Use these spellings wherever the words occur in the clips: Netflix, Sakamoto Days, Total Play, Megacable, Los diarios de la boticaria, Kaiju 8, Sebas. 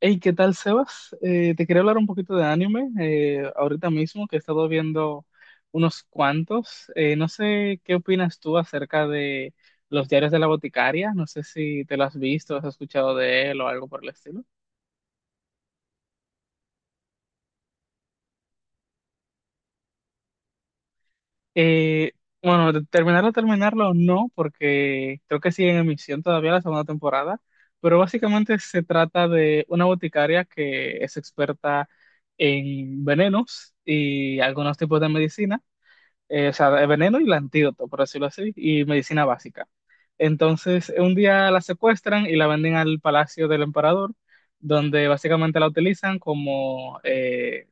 Hey, ¿qué tal, Sebas? Te quería hablar un poquito de anime ahorita mismo, que he estado viendo unos cuantos. No sé qué opinas tú acerca de los diarios de la boticaria. No sé si te lo has visto, has escuchado de él o algo por el estilo. Eh, bueno, de terminarlo, terminarlo no, porque creo que sigue en emisión todavía la segunda temporada. Pero básicamente se trata de una boticaria que es experta en venenos y algunos tipos de medicina, o sea, el veneno y el antídoto, por decirlo así, y medicina básica. Entonces, un día la secuestran y la venden al palacio del emperador, donde básicamente la utilizan como,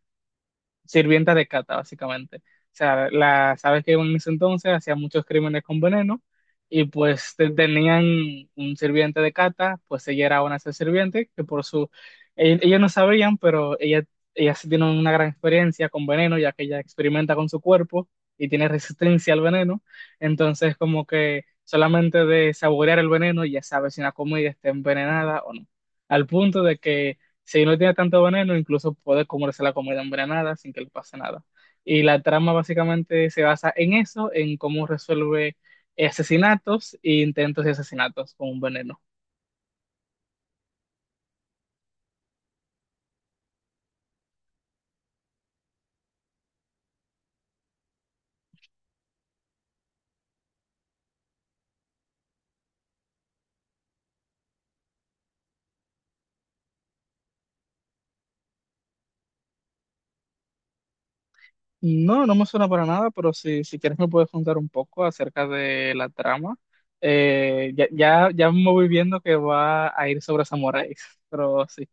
sirvienta de cata, básicamente. O sea, la sabes que en ese entonces hacían muchos crímenes con veneno y pues tenían un sirviente de cata, pues ella era una de esas sirvientes que por su... Ellos no sabían, pero ella sí tiene una gran experiencia con veneno, ya que ella experimenta con su cuerpo y tiene resistencia al veneno. Entonces, como que solamente de saborear el veneno ya sabe si una comida está envenenada o no. Al punto de que si no tiene tanto veneno, incluso puede comerse la comida envenenada sin que le pase nada. Y la trama básicamente se basa en eso, en cómo resuelve asesinatos e intentos de asesinatos con un veneno. No, no me suena para nada, pero si quieres me puedes contar un poco acerca de la trama. Ya me voy viendo que va a ir sobre samuráis, pero sí.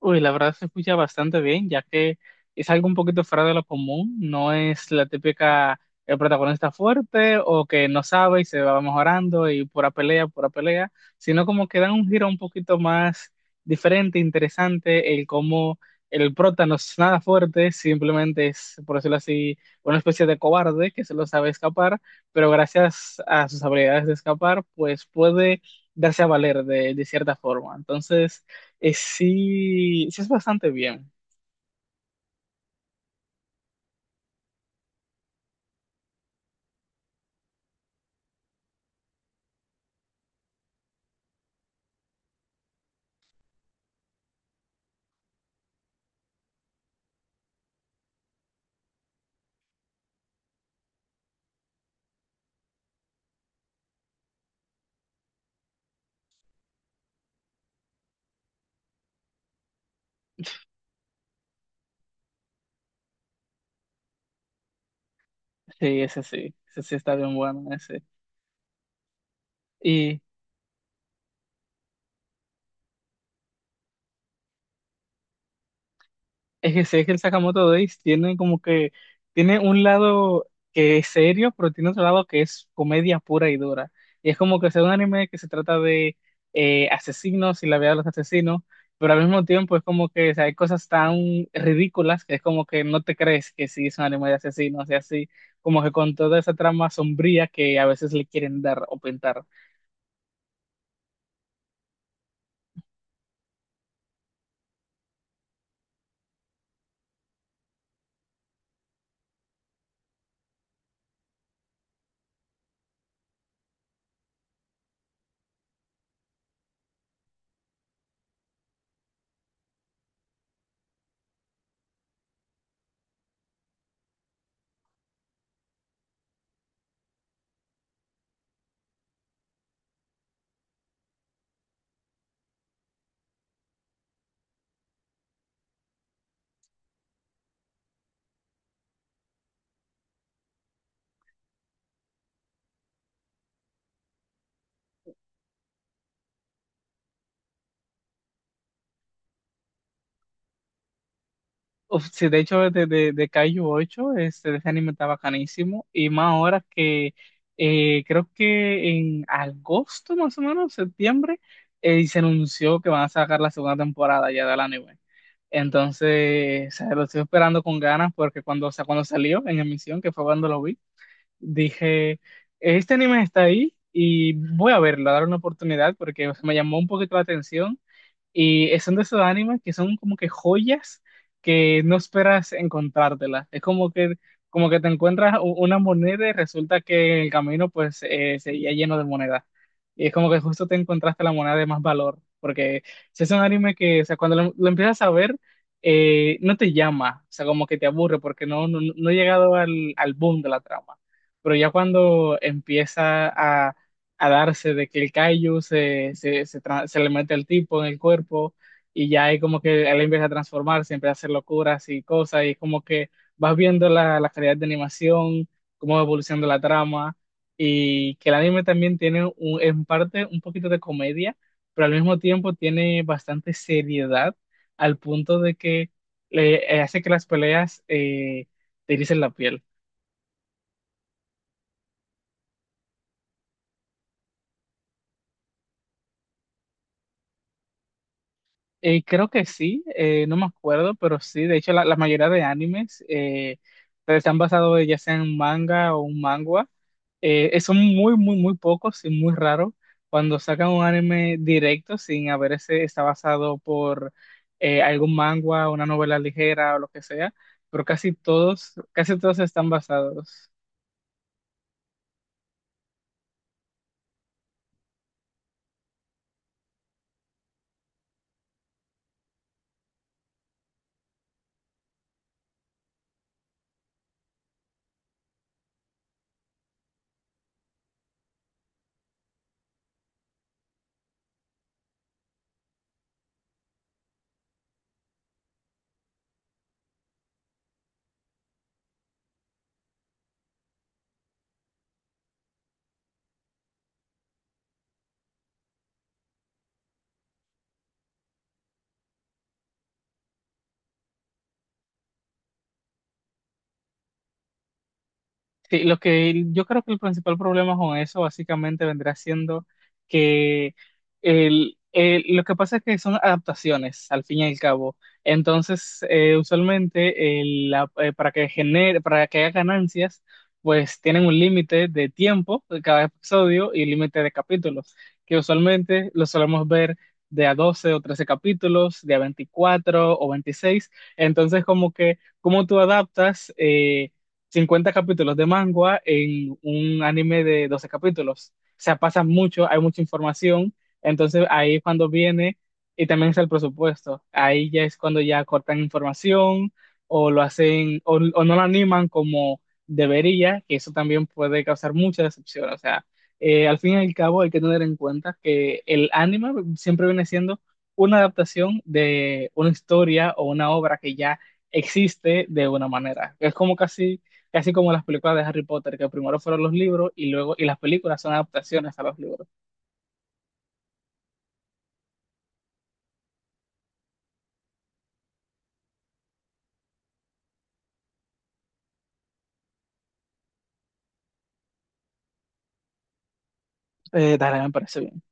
Uy, la verdad se escucha bastante bien, ya que es algo un poquito fuera de lo común, no es la típica el protagonista fuerte o que no sabe y se va mejorando y pura pelea, sino como que dan un giro un poquito más diferente, interesante, el cómo el prota no es nada fuerte, simplemente es, por decirlo así, una especie de cobarde que solo sabe escapar, pero gracias a sus habilidades de escapar, pues puede darse a valer de cierta forma. Entonces... sí, sí es bastante bien. Sí, ese sí. Ese sí está bien bueno, ese. Y es que sé que el Sakamoto Days tiene como que, tiene un lado que es serio, pero tiene otro lado que es comedia pura y dura. Y es como que es un anime que se trata de asesinos y la vida de los asesinos, pero al mismo tiempo es como que, o sea, hay cosas tan ridículas que es como que no te crees que sí es un anime de asesinos y así, como que con toda esa trama sombría que a veces le quieren dar o pintar. Uf, sí, de hecho, de Kaiju 8, este, ese anime está bacanísimo. Y más ahora que creo que en agosto, más o menos, septiembre, se anunció que van a sacar la segunda temporada ya del anime. Entonces, o sea, lo estoy esperando con ganas porque cuando, o sea, cuando salió en emisión, que fue cuando lo vi, dije, este anime está ahí y voy a verlo, a dar una oportunidad porque o sea, me llamó un poquito la atención y son de esos animes que son como que joyas que no esperas encontrártelas. Es como que te encuentras una moneda y resulta que el camino pues seguía lleno de monedas. Y es como que justo te encontraste la moneda de más valor. Porque si es un anime que, o sea, cuando lo empiezas a ver, no te llama. O sea, como que te aburre porque no he llegado al boom de la trama. Pero ya cuando empieza a darse de que el kaiju se le mete el tipo en el cuerpo y ya hay como que él empieza a transformarse, empieza a hacer locuras y cosas y es como que vas viendo la calidad de animación, cómo va evolucionando la trama y que el anime también tiene en parte un poquito de comedia, pero al mismo tiempo tiene bastante seriedad al punto de que hace que las peleas te ericen la piel. Creo que sí, no me acuerdo, pero sí, de hecho la mayoría de animes están basados ya sea en manga o un mangua. Son muy, muy, muy pocos y muy raros cuando sacan un anime directo sin haber ese está basado por algún mangua, una novela ligera o lo que sea, pero casi todos están basados. Sí, lo que yo creo que el principal problema con eso básicamente vendrá siendo que lo que pasa es que son adaptaciones al fin y al cabo. Entonces, usualmente para que genere, para que haya ganancias, pues tienen un límite de tiempo de cada episodio y límite de capítulos, que usualmente lo solemos ver de a 12 o 13 capítulos, de a 24 o 26. Entonces, como que, ¿cómo tú adaptas? 50 capítulos de manga en un anime de 12 capítulos. O sea, pasa mucho, hay mucha información, entonces ahí es cuando viene y también es el presupuesto. Ahí ya es cuando ya cortan información o lo hacen o no lo animan como debería, que eso también puede causar mucha decepción. O sea, al fin y al cabo hay que tener en cuenta que el anime siempre viene siendo una adaptación de una historia o una obra que ya existe de una manera. Es como casi casi como las películas de Harry Potter, que primero fueron los libros y luego y las películas son adaptaciones a los libros. Dale, me parece bien.